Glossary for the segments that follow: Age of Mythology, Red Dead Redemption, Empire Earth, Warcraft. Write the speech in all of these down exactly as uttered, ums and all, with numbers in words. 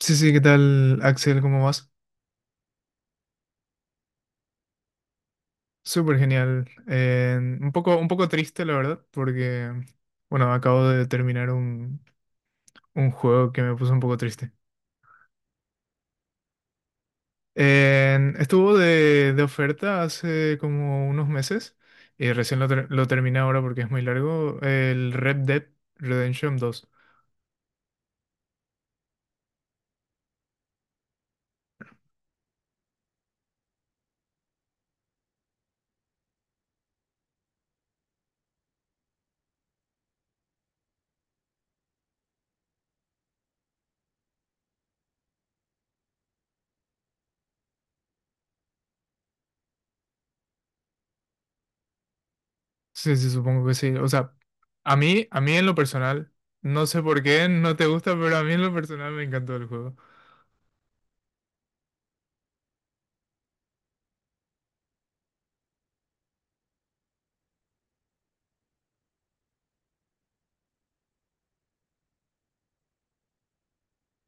Sí, sí, ¿qué tal, Axel? ¿Cómo vas? Súper genial. Eh, un poco, un poco triste, la verdad, porque, bueno, acabo de terminar un, un juego que me puso un poco triste. Eh, estuvo de, de oferta hace como unos meses y recién lo, ter- lo terminé ahora porque es muy largo, el Red Dead Redemption dos. Sí, sí, supongo que sí. O sea, a mí, a mí en lo personal, no sé por qué no te gusta, pero a mí en lo personal me encantó el juego.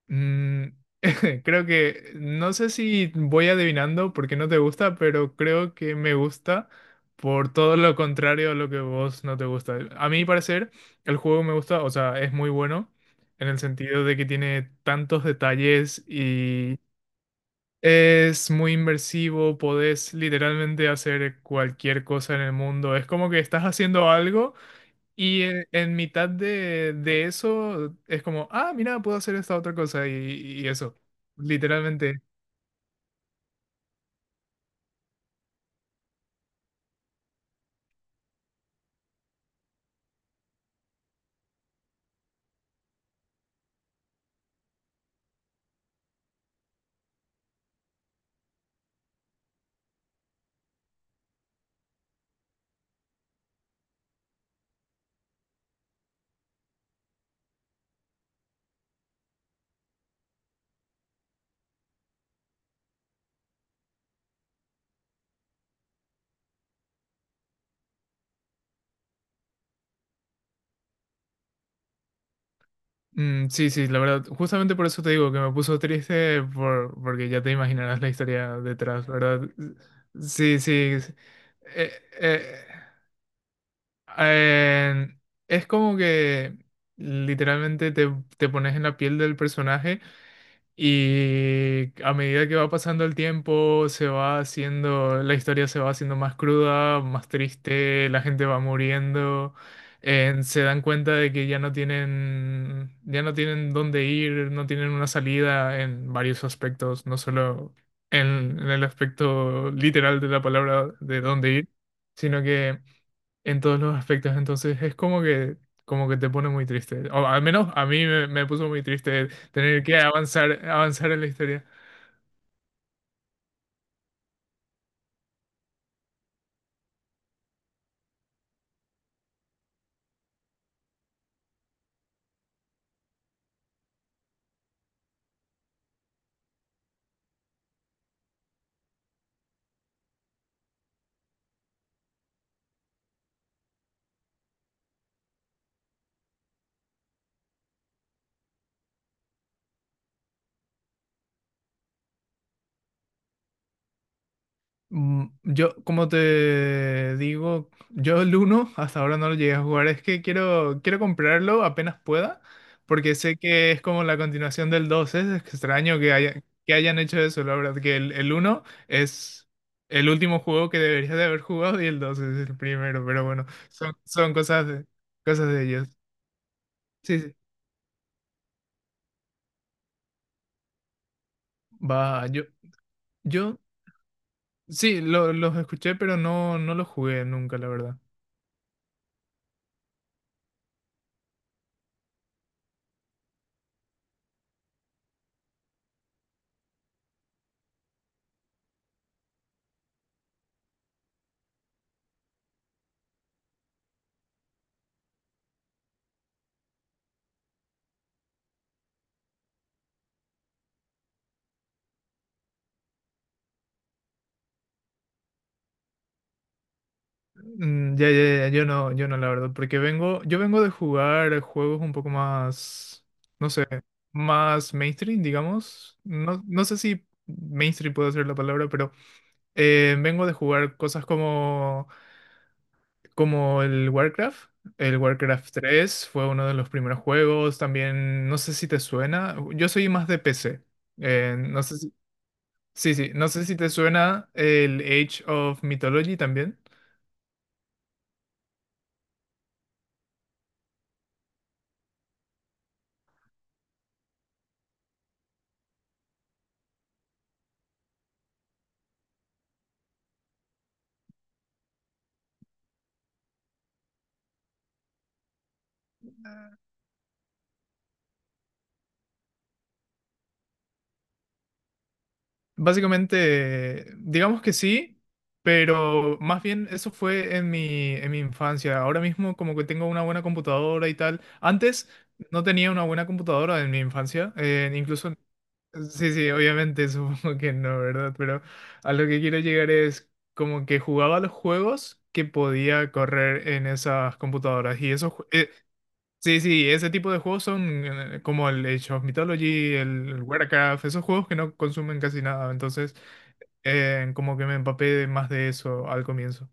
Mm, Creo que no sé si voy adivinando porque no te gusta, pero creo que me gusta por todo lo contrario a lo que vos no te gusta. A mi parecer, el juego me gusta, o sea, es muy bueno en el sentido de que tiene tantos detalles y es muy inmersivo, podés literalmente hacer cualquier cosa en el mundo. Es como que estás haciendo algo. Y en, en mitad de, de eso es como, ah, mira, puedo hacer esta otra cosa y, y eso. Literalmente. Mm, sí, sí, la verdad. Justamente por eso te digo que me puso triste por, porque ya te imaginarás la historia detrás, ¿verdad? Sí, sí, sí. Eh, eh, eh, es como que literalmente te, te pones en la piel del personaje. Y a medida que va pasando el tiempo, se va haciendo, la historia se va haciendo más cruda, más triste, la gente va muriendo, eh, se dan cuenta de que ya no tienen, ya no tienen dónde ir, no tienen una salida en varios aspectos, no solo en, en el aspecto literal de la palabra de dónde ir, sino que en todos los aspectos. Entonces es como que, como que te pone muy triste. O al menos a mí me, me puso muy triste tener que avanzar, avanzar en la historia. Mm, Yo, como te digo, yo el uno hasta ahora no lo llegué a jugar. Es que quiero, quiero comprarlo apenas pueda, porque sé que es como la continuación del dos. Es extraño que haya, que hayan hecho eso, la verdad, que el, el uno es el último juego que deberías de haber jugado y el dos es el primero, pero bueno, son, son cosas de, cosas de ellos. Sí, sí. Va, yo, yo, sí, lo- los escuché, pero no, no los jugué nunca, la verdad. Mm, ya, ya, ya, yo no, yo no, la verdad, porque vengo, yo vengo de jugar juegos un poco más, no sé, más mainstream, digamos. No, no sé si mainstream puedo ser la palabra, pero eh, vengo de jugar cosas como, como el Warcraft. El Warcraft tres fue uno de los primeros juegos, también, no sé si te suena, yo soy más de P C. Eh, no sé si, Sí, sí, no sé si te suena el Age of Mythology también. Básicamente, digamos que sí, pero más bien eso fue en mi, en mi infancia. Ahora mismo como que tengo una buena computadora y tal. Antes no tenía una buena computadora en mi infancia. Eh, incluso, sí, sí, obviamente supongo que no, ¿verdad? Pero a lo que quiero llegar es como que jugaba los juegos que podía correr en esas computadoras. Y esos, ju- eh, Sí, sí, ese tipo de juegos son eh, como el Age of Mythology, el Warcraft, esos juegos que no consumen casi nada, entonces eh, como que me empapé de más de eso al comienzo.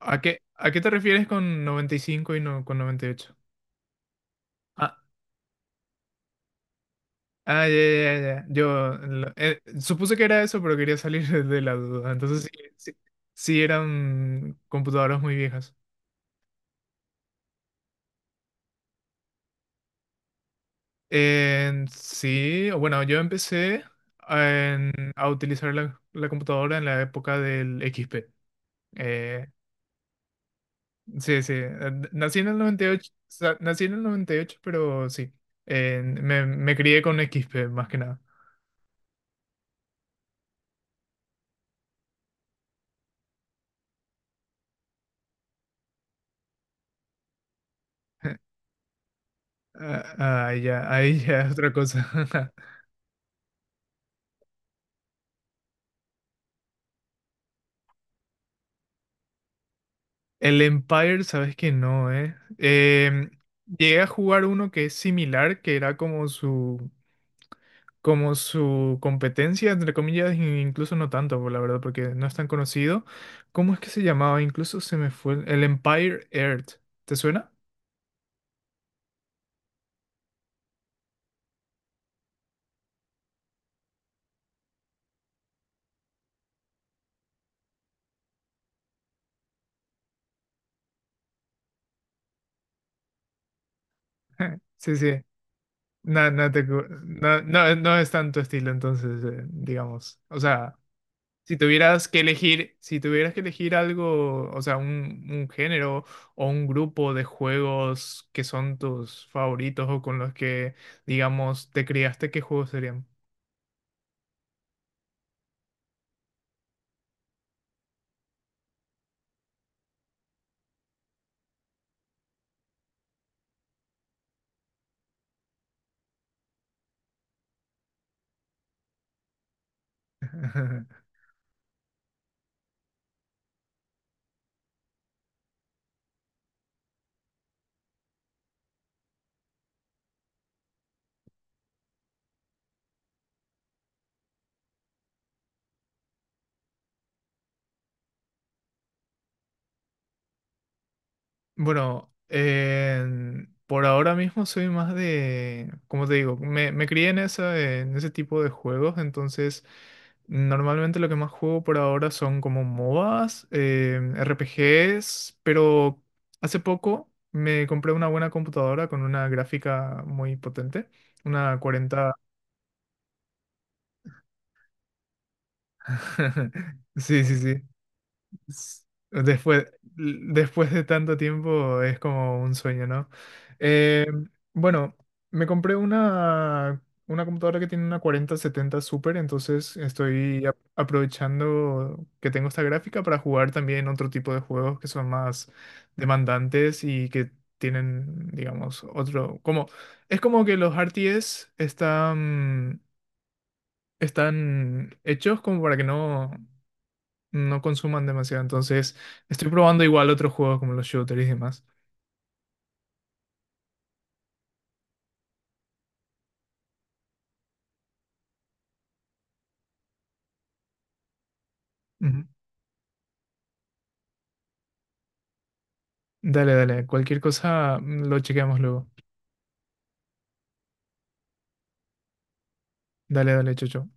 ¿A qué, a qué te refieres con noventa y cinco y no con noventa y ocho? Ah, ah, ya, ya, ya, ya. Yo lo- eh, supuse que era eso, pero quería salir de la duda. Entonces sí, sí, sí eran computadoras muy viejas. En sí, o bueno, yo empecé a, en- a utilizar la, la computadora en la época del X P. Eh, sí, sí, eh, nací en el noventa y ocho, o sea, nací en el noventa y ocho, pero sí, en- me, me crié con x XP más que nada. Ah, ah, ya, ahí ya es otra cosa. El Empire, sabes que no, ¿eh? Em, llegué a jugar uno que es similar, que era como su... como su competencia, entre comillas, e incluso no tanto, por la verdad, porque no es tan conocido. ¿Cómo es que se llamaba? Incluso se me fue el el Empire Earth. ¿Te suena? Sí, sí. No, no, te cu- no, no, no es tanto estilo, entonces, eh, digamos. O sea, si tuvieras que elegir, si tuvieras que elegir algo, o sea, un, un género o un grupo de juegos que son tus favoritos o con los que, digamos, te criaste, ¿qué juegos serían? Bueno, eh, por ahora mismo soy más de, como te digo, me, me crié en esa, en ese tipo de juegos, entonces normalmente lo que más juego por ahora son como MOBAs, eh, R P Gs, pero hace poco me compré una buena computadora con una gráfica muy potente, una cuarenta, Sí, sí, sí. s- Después, después de tanto tiempo es como un sueño, ¿no? Eh, bueno, me compré una, una computadora que tiene una cuarenta setenta Super, entonces estoy ap- aprovechando que tengo esta gráfica para jugar también otro tipo de juegos que son más demandantes y que tienen, digamos, otro... como, es como que los R T S están, están hechos como para que no no consuman demasiado. Entonces, estoy probando igual otros juegos como los shooters y demás. Ujú. Dale, dale. Cualquier cosa, mm, lo chequeamos luego. Dale, dale, Chocho.